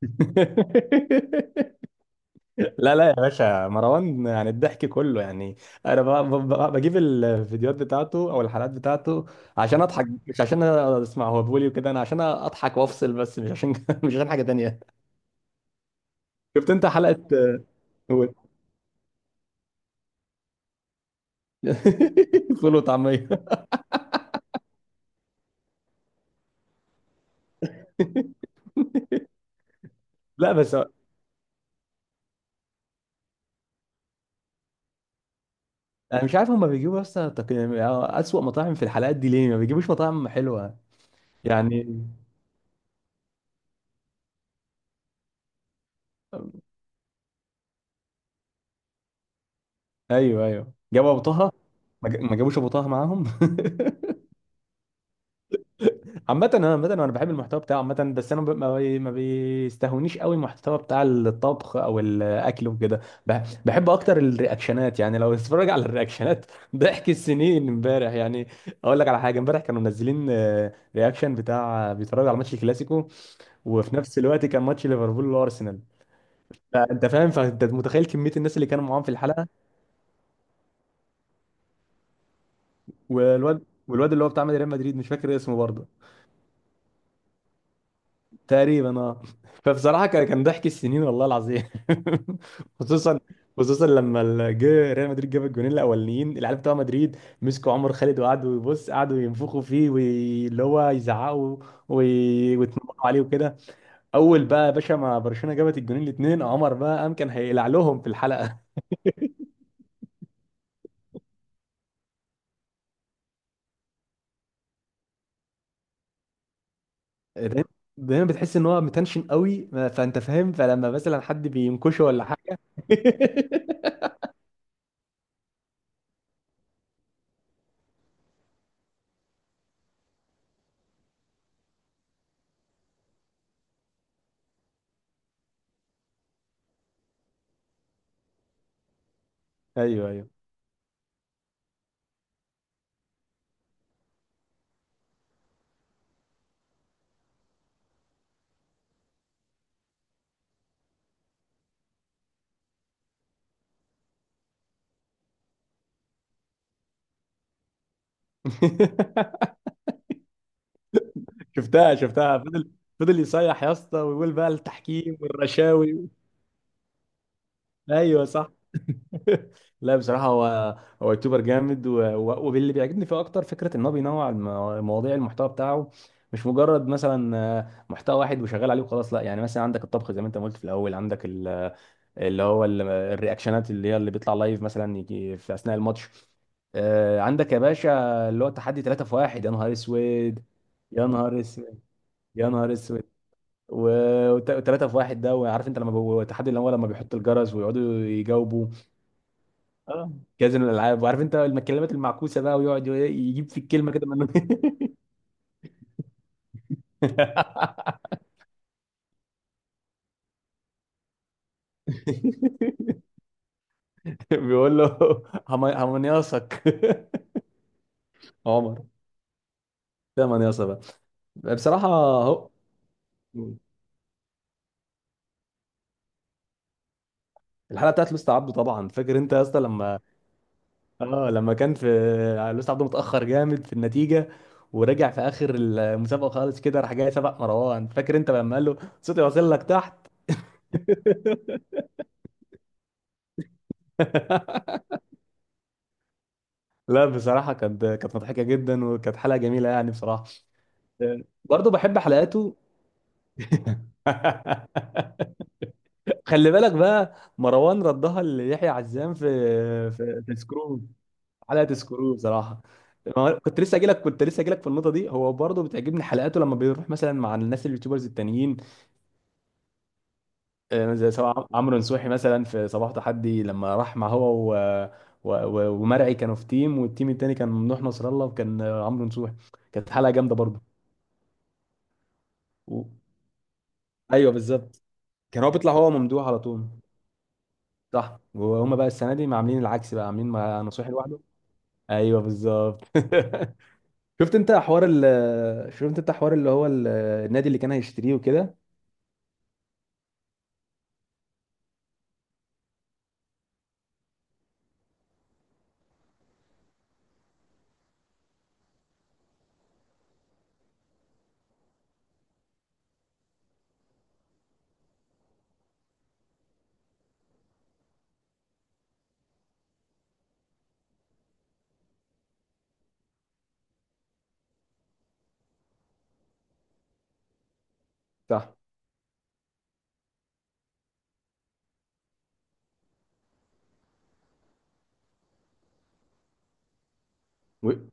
لا لا يا باشا مروان، يعني الضحك كله. يعني انا بجيب الفيديوحات بتاعته او الحلقات بتاعته عشان اضحك، مش عشان اسمع هو بيقول إيه وكده. انا عشان اضحك وافصل بس، مش عشان مش عشان حاجه تانية. شفت انت حلقه؟ قول. فول وطعميه. لا بس انا مش عارف هما بيجيبوا، بس اسوأ مطاعم في الحلقات دي. ليه ما بيجيبوش مطاعم حلوه يعني؟ ايوه ايوه، جابوا ابو طه. ما جابوش ابو طه معاهم. عامة انا، عامة انا بحب المحتوى بتاعه عامة، بس انا ب- ما بي- ما بيستهونيش قوي المحتوى بتاع الطبخ او الاكل وكده. بحب اكتر الرياكشنات، يعني لو تتفرج على الرياكشنات. ضحك السنين امبارح يعني. اقول لك على حاجة، امبارح كانوا منزلين رياكشن بتاع بيتفرجوا على ماتش الكلاسيكو، وفي نفس الوقت كان ماتش ليفربول وارسنال. فانت فاهم، فانت متخيل كمية الناس اللي كانوا معاهم في الحلقة. والواد اللي هو بتاع ريال مدريد مش فاكر اسمه برضه. تقريبا اه. فبصراحه كان ضحك السنين والله العظيم. خصوصا، خصوصا لما جه ريال مدريد جاب الجونين الاولانيين العيال بتوع مدريد، مسكوا عمر خالد وقعدوا يبص، قعدوا ينفخوا فيه واللي هو يزعقوا ويتنمروا عليه وكده. اول بقى يا باشا، ما برشلونه جابت الجونين الاثنين، عمر بقى قام كان هيقلع لهم في الحلقه. دايما، دايما بتحس ان هو متنشن قوي، فانت فاهم، فلما مثلا حد بينكشه ولا حاجه. ايوه ايوه. شفتها فضل، فضل يصيح يا اسطى، ويقول بقى التحكيم والرشاوي. ايوه صح. لا بصراحه، هو يوتيوبر جامد، واللي بيعجبني فيه اكتر فكره ان هو بينوع مواضيع المحتوى بتاعه، مش مجرد مثلا محتوى واحد وشغال عليه وخلاص، لا. يعني مثلا عندك الطبخ زي ما انت ما قلت في الاول، عندك الرياكشنات اللي هي اللي بيطلع لايف مثلا يجي في اثناء الماتش. عندك يا باشا اللي هو تحدي ثلاثة في واحد. يا نهار اسود، يا نهار اسود، يا نهار اسود. وتلاتة في واحد ده. وعارف انت لما تحدي الاموال، لما بيحط الجرس ويقعدوا يجاوبوا. اه كازينو الالعاب. وعارف انت الكلمات المعكوسه بقى، ويقعد يجيب في الكلمه كده من. بيقول له همنياصك. عمر ده منياصه بقى. بصراحه اهو. الحلقه بتاعت لوست عبده طبعا. فاكر انت يا اسطى لما كان في، لويس عبده متأخر جامد في النتيجة، ورجع في آخر المسابقة خالص، كده راح جاي سبق مروان. فاكر انت لما قال له صوتي واصل لك تحت؟ لا بصراحة، كانت مضحكة جدا، وكانت حلقة جميلة يعني بصراحة. برضه بحب حلقاته. خلي بالك بقى، مروان ردها ليحيى عزام في سكرو. حلقة سكرو بصراحة. ما هو- كنت لسه اجي لك في النقطة دي. هو برضه بتعجبني حلقاته لما بيروح مثلا مع الناس اليوتيوبرز التانيين، زي سواء عمرو نصوحي مثلا في صباح تحدي، لما راح مع هو ومرعي كانوا في تيم، والتيم التاني كان ممدوح نصر الله وكان عمرو نصوحي. كانت حلقه جامده برضه. و... ايوه بالظبط. كان هو بيطلع هو ممدوح على طول. صح، وهما بقى السنه دي عاملين العكس، بقى عاملين مع نصوحي لوحده. ايوه بالظبط. شفت انت حوار اللي هو النادي اللي كان هيشتريه وكده. صح و-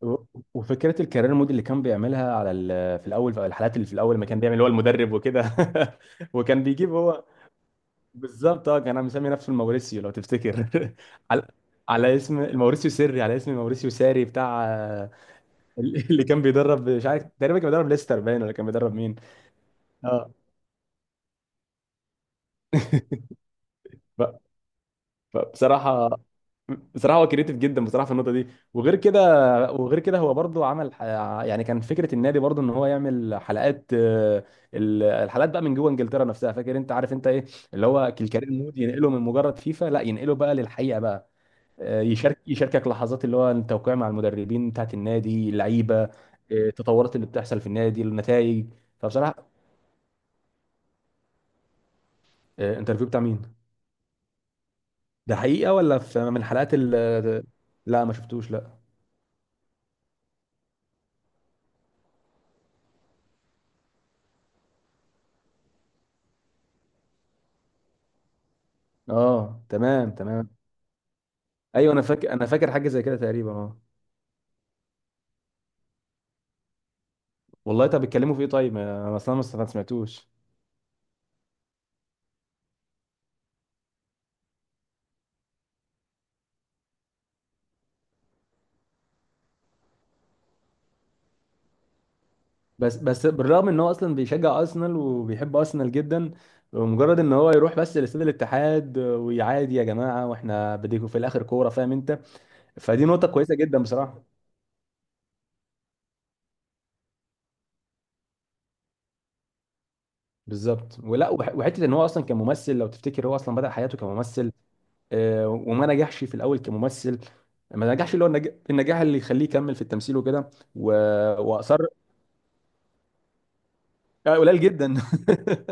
و- وفكره الكارير مود اللي كان بيعملها على في الاول، في الحالات اللي في الاول ما كان بيعمل اللي هو المدرب وكده. وكان بيجيب هو. بالظبط، كان مسمي نفسه الموريسيو لو تفتكر. على اسم الموريسيو سري، على اسم موريسيو ساري بتاع. اللي كان بيدرب مش عارف، تقريبا كان بيدرب ليستر باين، ولا كان بيدرب مين. اه. ف- فبصراحه، هو كريتيف جدا بصراحه في النقطه دي. وغير كده، هو برضو عمل يعني كان فكره النادي برضو ان هو يعمل حلقات، الحلقات بقى من جوه انجلترا نفسها. فاكر انت، عارف انت ايه اللي هو الكارير مود ينقله من مجرد فيفا، لا ينقله بقى للحقيقه بقى. يشاركك لحظات اللي هو التوقيع مع المدربين بتاعت النادي اللعيبه، التطورات اللي بتحصل في النادي، النتائج. فبصراحه انترفيو بتاع مين؟ ده حقيقه ولا في من حلقات ال آه، لا ما شفتوش لا. اه تمام تمام. ايوه انا فاكر حاجه زي كده تقريبا اه. والله طب بيتكلموا في ايه؟ طيب انا اصلا ما سمعتوش. بس بالرغم ان هو اصلا بيشجع ارسنال وبيحب ارسنال جدا، مجرد ان هو يروح بس لاستاد الاتحاد ويعادي، يا جماعه واحنا بديكوا في الاخر كوره، فاهم انت. فدي نقطه كويسه جدا بصراحه. بالظبط. ولا وحته ان هو اصلا كممثل لو تفتكر، هو اصلا بدأ حياته كممثل، وما نجحش في الاول كممثل، ما نجحش اللي هو النجاح اللي يخليه يكمل في التمثيل وكده. و... واصر. قليل جدا.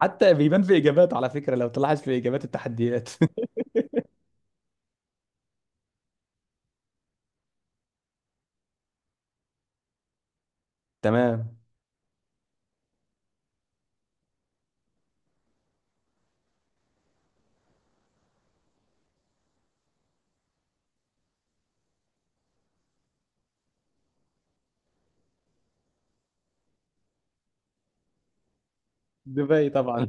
حتى بيبان في اجابات، على فكره لو تلاحظ في اجابات التحديات. تمام. دبي طبعا.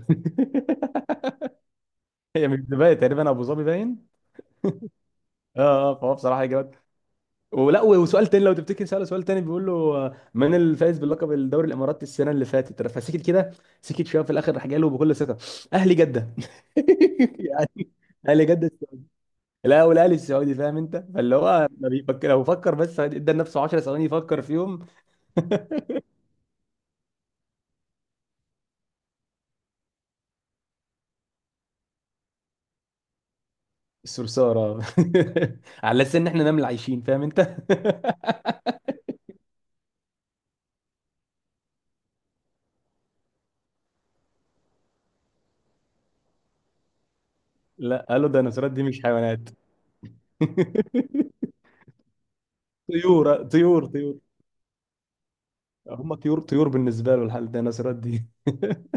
هي مش دبي تقريبا، ابو ظبي باين. اه اه. فهو بصراحه اجابات. ولا، وسؤال تاني، لو تفتكر سأله سؤال تاني، بيقول له من الفائز بلقب الدوري الاماراتي السنه اللي فاتت؟ فسكت كده، سكت شويه، في الاخر راح جاي له بكل ثقه: اهلي جده. يعني اهلي جده. لا، والاهلي السعودي، فاهم انت. فاللي هو ما بيفكر، لو فكر بس ادى لنفسه 10 ثواني يفكر فيهم. الصرصار اه. على اساس ان احنا نمل عايشين، فاهم انت. لا، قالوا الديناصورات دي مش حيوانات. طيور، طيور طيور. هم طيور، طيور بالنسبه له الحال، الديناصورات دي.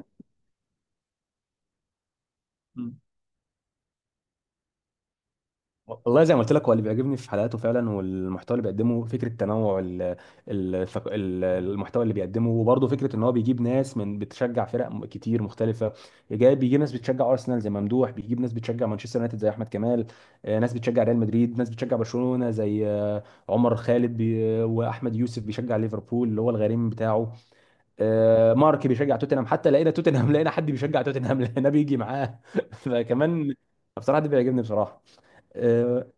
والله زي ما قلت لك، هو اللي بيعجبني في حلقاته فعلا والمحتوى اللي بيقدمه فكره تنوع المحتوى اللي بيقدمه. وبرضه فكره ان هو بيجيب ناس من بتشجع فرق كتير مختلفه، جاي بيجيب ناس بتشجع ارسنال زي ممدوح، بيجيب ناس بتشجع مانشستر يونايتد زي احمد كمال، ناس بتشجع ريال مدريد، ناس بتشجع برشلونه زي عمر خالد، واحمد يوسف بيشجع ليفربول اللي هو الغريم بتاعه. مارك بيشجع توتنهام، حتى لقينا توتنهام، لقينا حد بيشجع توتنهام. لقينا بيجي معاه. فكمان بصراحه ده بيعجبني بصراحه. آه،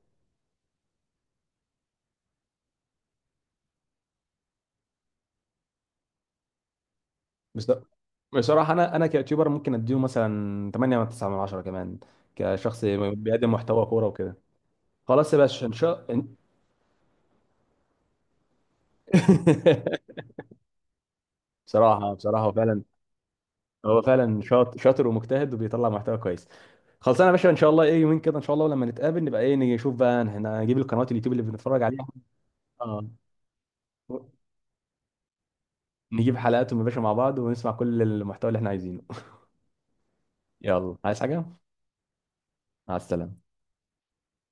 بص- بصراحة أنا كيوتيوبر ممكن أديله مثلا 8 من 9 من 10 كمان، كشخص بيقدم محتوى كورة وكده. خلاص يا باشا إن شاء. بصراحة هو فعلا شاطر، شاطر ومجتهد وبيطلع محتوى كويس. خلصانة يا باشا إن شاء الله، إيه، يومين كده إن شاء الله، ولما نتقابل نبقى إيه، نيجي نشوف بقى هنا، نجيب القنوات اليوتيوب اللي بنتفرج عليها. آه، نجيب حلقاتهم يا باشا مع بعض ونسمع كل المحتوى اللي إحنا عايزينه. يلا، عايز حاجة؟ مع السلامة.